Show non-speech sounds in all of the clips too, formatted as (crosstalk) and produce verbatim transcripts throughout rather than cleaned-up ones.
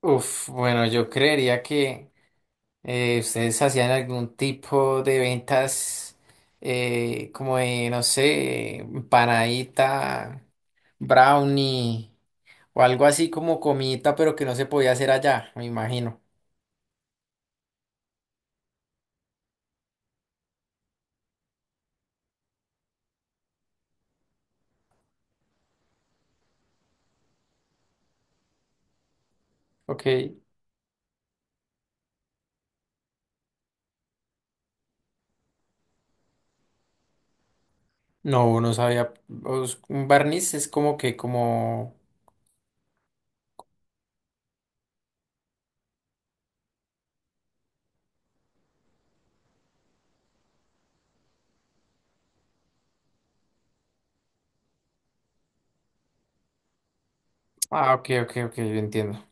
Uf, bueno, yo creería que eh, ustedes hacían algún tipo de ventas eh, como de, no sé, empanadita, brownie o algo así como comidita, pero que no se podía hacer allá, me imagino. Ok, no, no sabía. os- Un barniz es como que, como. Ah, ok, ok, ok, yo entiendo.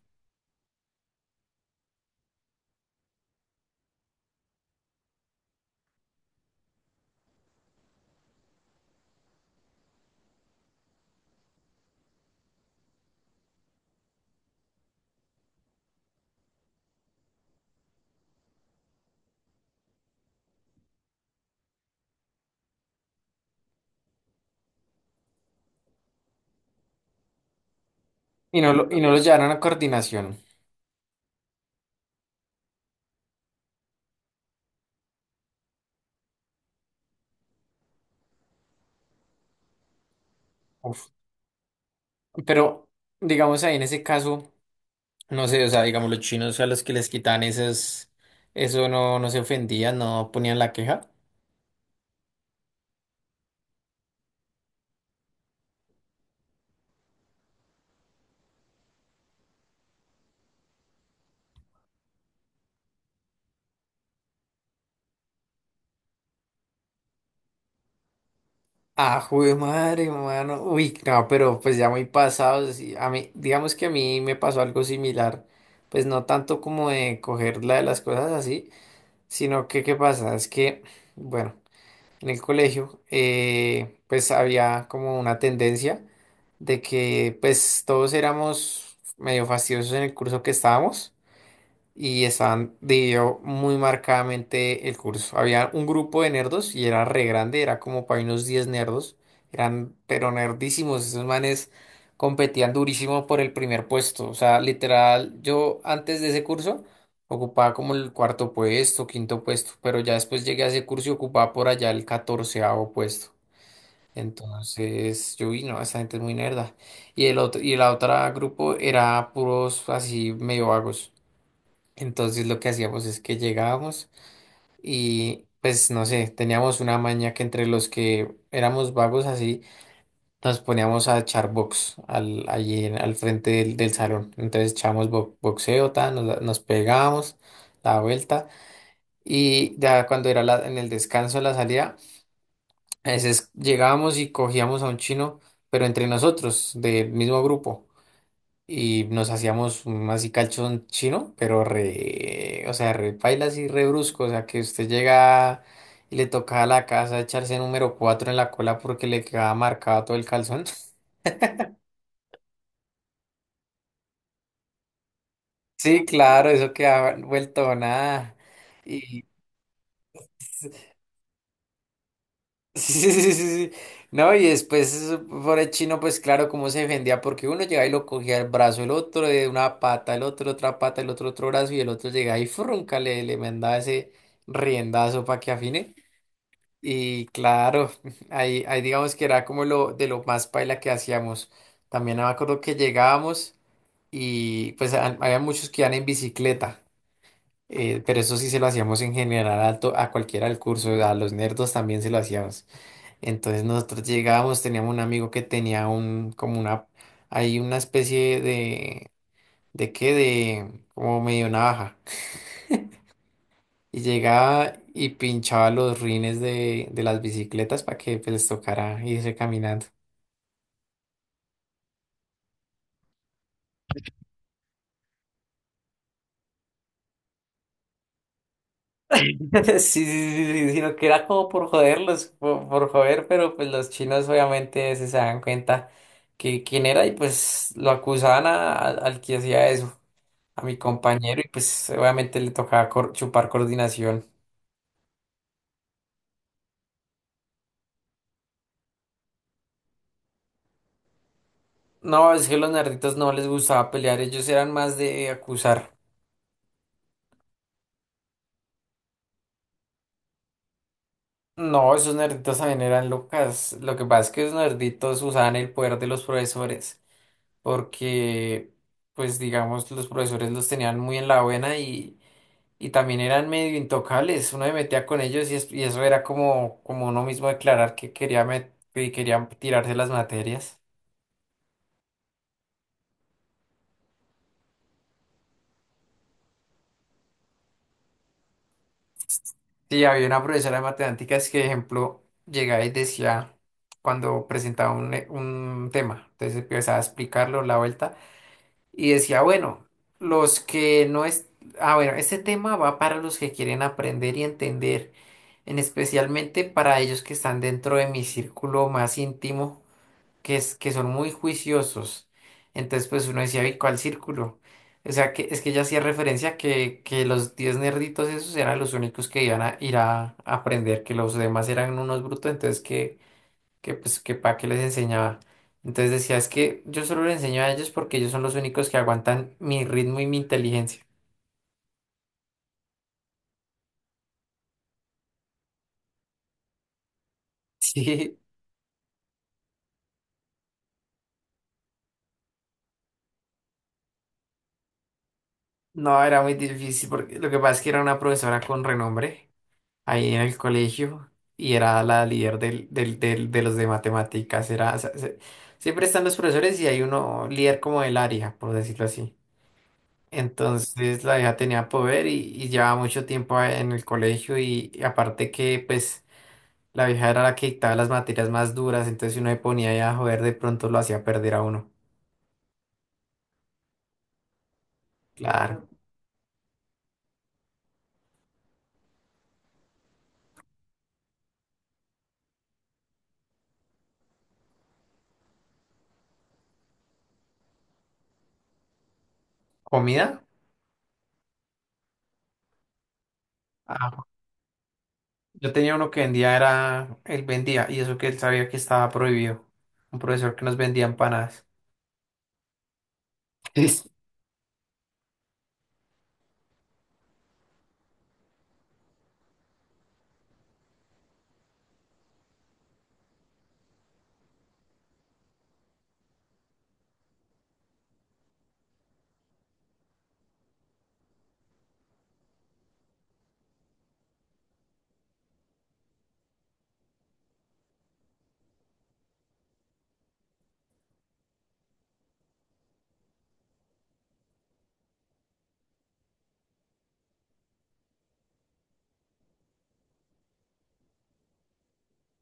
Y no lo, y no lo llevaron a coordinación. Uf, pero digamos ahí en ese caso. No sé, o sea, digamos, los chinos a los que les quitan esas eso no, no se ofendían, no ponían la queja. Ah, jue madre, mano. Uy, no, pero pues ya muy pasados. y a mí, digamos que a mí me pasó algo similar. Pues no tanto como de coger la de las cosas así, sino que, ¿qué pasa? Es que, bueno, en el colegio, eh, pues había como una tendencia de que, pues todos éramos medio fastidiosos en el curso que estábamos. y estaban dividido muy marcadamente el curso. Había un grupo de nerdos y era re grande, era como para unos diez nerdos. Eran pero nerdísimos, esos manes competían durísimo por el primer puesto. O sea, literal, yo antes de ese curso ocupaba como el cuarto puesto, quinto puesto, pero ya después llegué a ese curso y ocupaba por allá el catorceavo puesto. Entonces yo vi, no, esa gente es muy nerda. Y el otro, y la otra grupo era puros así medio vagos. Entonces lo que hacíamos es que llegábamos y pues no sé, teníamos una maña que entre los que éramos vagos así, nos poníamos a echar box al, allí en- al frente del, del salón. Entonces echábamos bo- boxeo, ta, nos, nos pegábamos la vuelta y ya cuando era la- en el descanso, la salida, a veces llegábamos y cogíamos a un chino, pero entre nosotros, del mismo grupo y nos hacíamos un así calzón chino, pero re, o sea, re paila así re brusco, o sea, que usted llega y le toca a la casa echarse número cuatro en la cola porque le quedaba marcado todo el calzón. (laughs) Sí, claro, eso quedaba vuelto nada. Y (laughs) sí, sí, sí, sí, sí. No, y después eso, por el chino, pues claro, cómo se defendía, porque uno llegaba y lo cogía el brazo, el otro de una pata, el otro otra pata, el otro otro brazo, y el otro llegaba y frunca, le, le mandaba ese riendazo para que afine. Y claro, (laughs) ahí, ahí digamos que era como lo de lo más paila que hacíamos. También me acuerdo que llegábamos y pues ha- había muchos que iban en bicicleta, eh, pero eso sí se lo hacíamos en general a, to- a cualquiera del curso, a los nerdos también se lo hacíamos. Entonces nosotros llegábamos, teníamos un amigo que tenía un, como una, hay una especie de, ¿de qué? De, como medio navaja. Y llegaba y pinchaba los rines de, de las bicicletas para que pues, les tocara irse caminando. (laughs) Sí, sí, sí, sí, sino que era como por joderlos, por, por joder, pero pues los chinos obviamente se se dan cuenta que quién era y pues lo acusaban a- a- al que hacía eso, a mi compañero, y pues obviamente le tocaba cor- chupar coordinación. No, es que los nerditos no les gustaba pelear, ellos eran más de acusar. No, esos nerditos también eran locas. Lo que pasa es que esos nerditos usaban el poder de los profesores, porque, pues digamos, los profesores los tenían muy en la buena y, y también eran medio intocables. Uno se metía con ellos y, es- y eso era como, como uno mismo declarar que quería, met- que quería tirarse las materias. Sí, había una profesora de matemáticas que, ejemplo, llegaba y decía cuando presentaba un, un tema, entonces empezaba a explicarlo la vuelta. Y decía, bueno, los que no es... Ah, bueno, este tema va para los que quieren aprender y entender, en especialmente para ellos que están dentro de mi círculo más íntimo, que es que son muy juiciosos. Entonces, pues uno decía, ¿y cuál círculo? O sea, que es que ella hacía referencia que, que los diez nerditos esos eran los únicos que iban a ir a aprender, que los demás eran unos brutos, entonces que que pues que para qué les enseñaba. Entonces decía, es que yo solo les enseño a ellos porque ellos son los únicos que aguantan mi ritmo y mi inteligencia. (laughs) Sí, no, era muy difícil porque lo que pasa es que era una profesora con renombre ahí en el colegio y era la líder del, del, del- de los de matemáticas. Era, o sea, se- siempre están los profesores y hay uno líder como del área, por decirlo así. Entonces la hija tenía poder y, y llevaba mucho tiempo en el colegio y y aparte que pues... La vieja era la que dictaba las materias más duras, entonces si uno se ponía ahí a joder, de pronto lo hacía perder a uno. Claro. ¿Comida? Ah, yo tenía uno que vendía, era, él vendía, y eso que él sabía que estaba prohibido. Un profesor que nos vendía empanadas. (laughs) Es-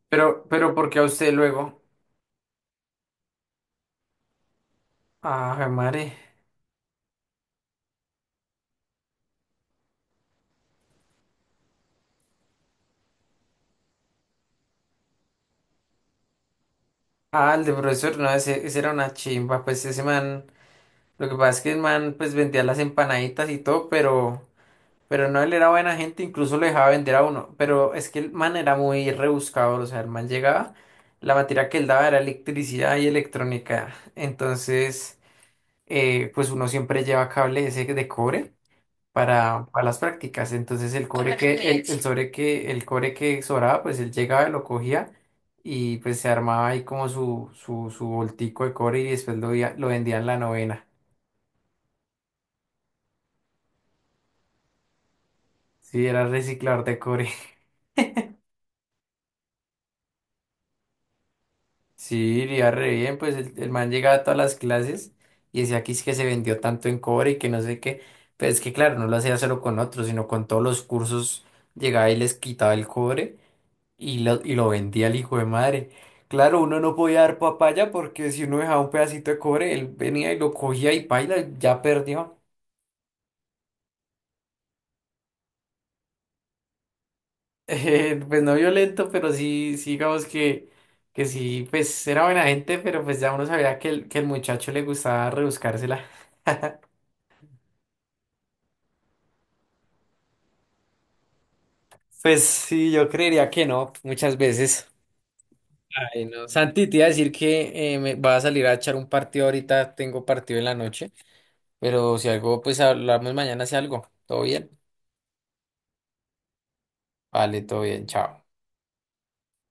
Pero, pero, ¿por qué a usted luego? Ah, madre. Ah, el de profesor, no, ese, ese era una chimba, pues ese man, lo que pasa es que el man, pues vendía las empanaditas y todo, pero... Pero no, él era buena gente, incluso lo dejaba vender a uno. Pero es que el man era muy rebuscado, o sea, el man llegaba, la materia que él daba era electricidad y electrónica. Entonces, eh, pues uno siempre lleva cable ese de cobre para, para las prácticas. Entonces el cobre que, el, el sobre que, el cobre que sobraba, pues él llegaba, lo cogía y pues se armaba ahí como su, su, su voltico de cobre y después lo, ia- lo vendía en la novena. Sí, era reciclador de cobre. Sí, le iba re bien, pues el, el man llegaba a todas las clases y decía que es que se vendió tanto en cobre y que no sé qué. Pero es que claro, no lo hacía solo con otros, sino con todos los cursos llegaba y les quitaba el cobre y lo, y lo vendía al hijo de madre. Claro, uno no podía dar papaya porque si uno dejaba un pedacito de cobre, él venía y lo cogía y paila, ya perdió. (laughs) Eh, pues no violento, pero sí, sí digamos que, que sí, pues era buena gente, pero pues ya uno sabía que el, que el muchacho le gustaba rebuscársela. Pues sí, yo creería que no, muchas veces. Santi, te iba a decir que eh, me va a salir a echar un partido ahorita, tengo partido en la noche, pero si algo, pues hablamos mañana si algo. ¿Todo bien? Vale, todo bien, chao.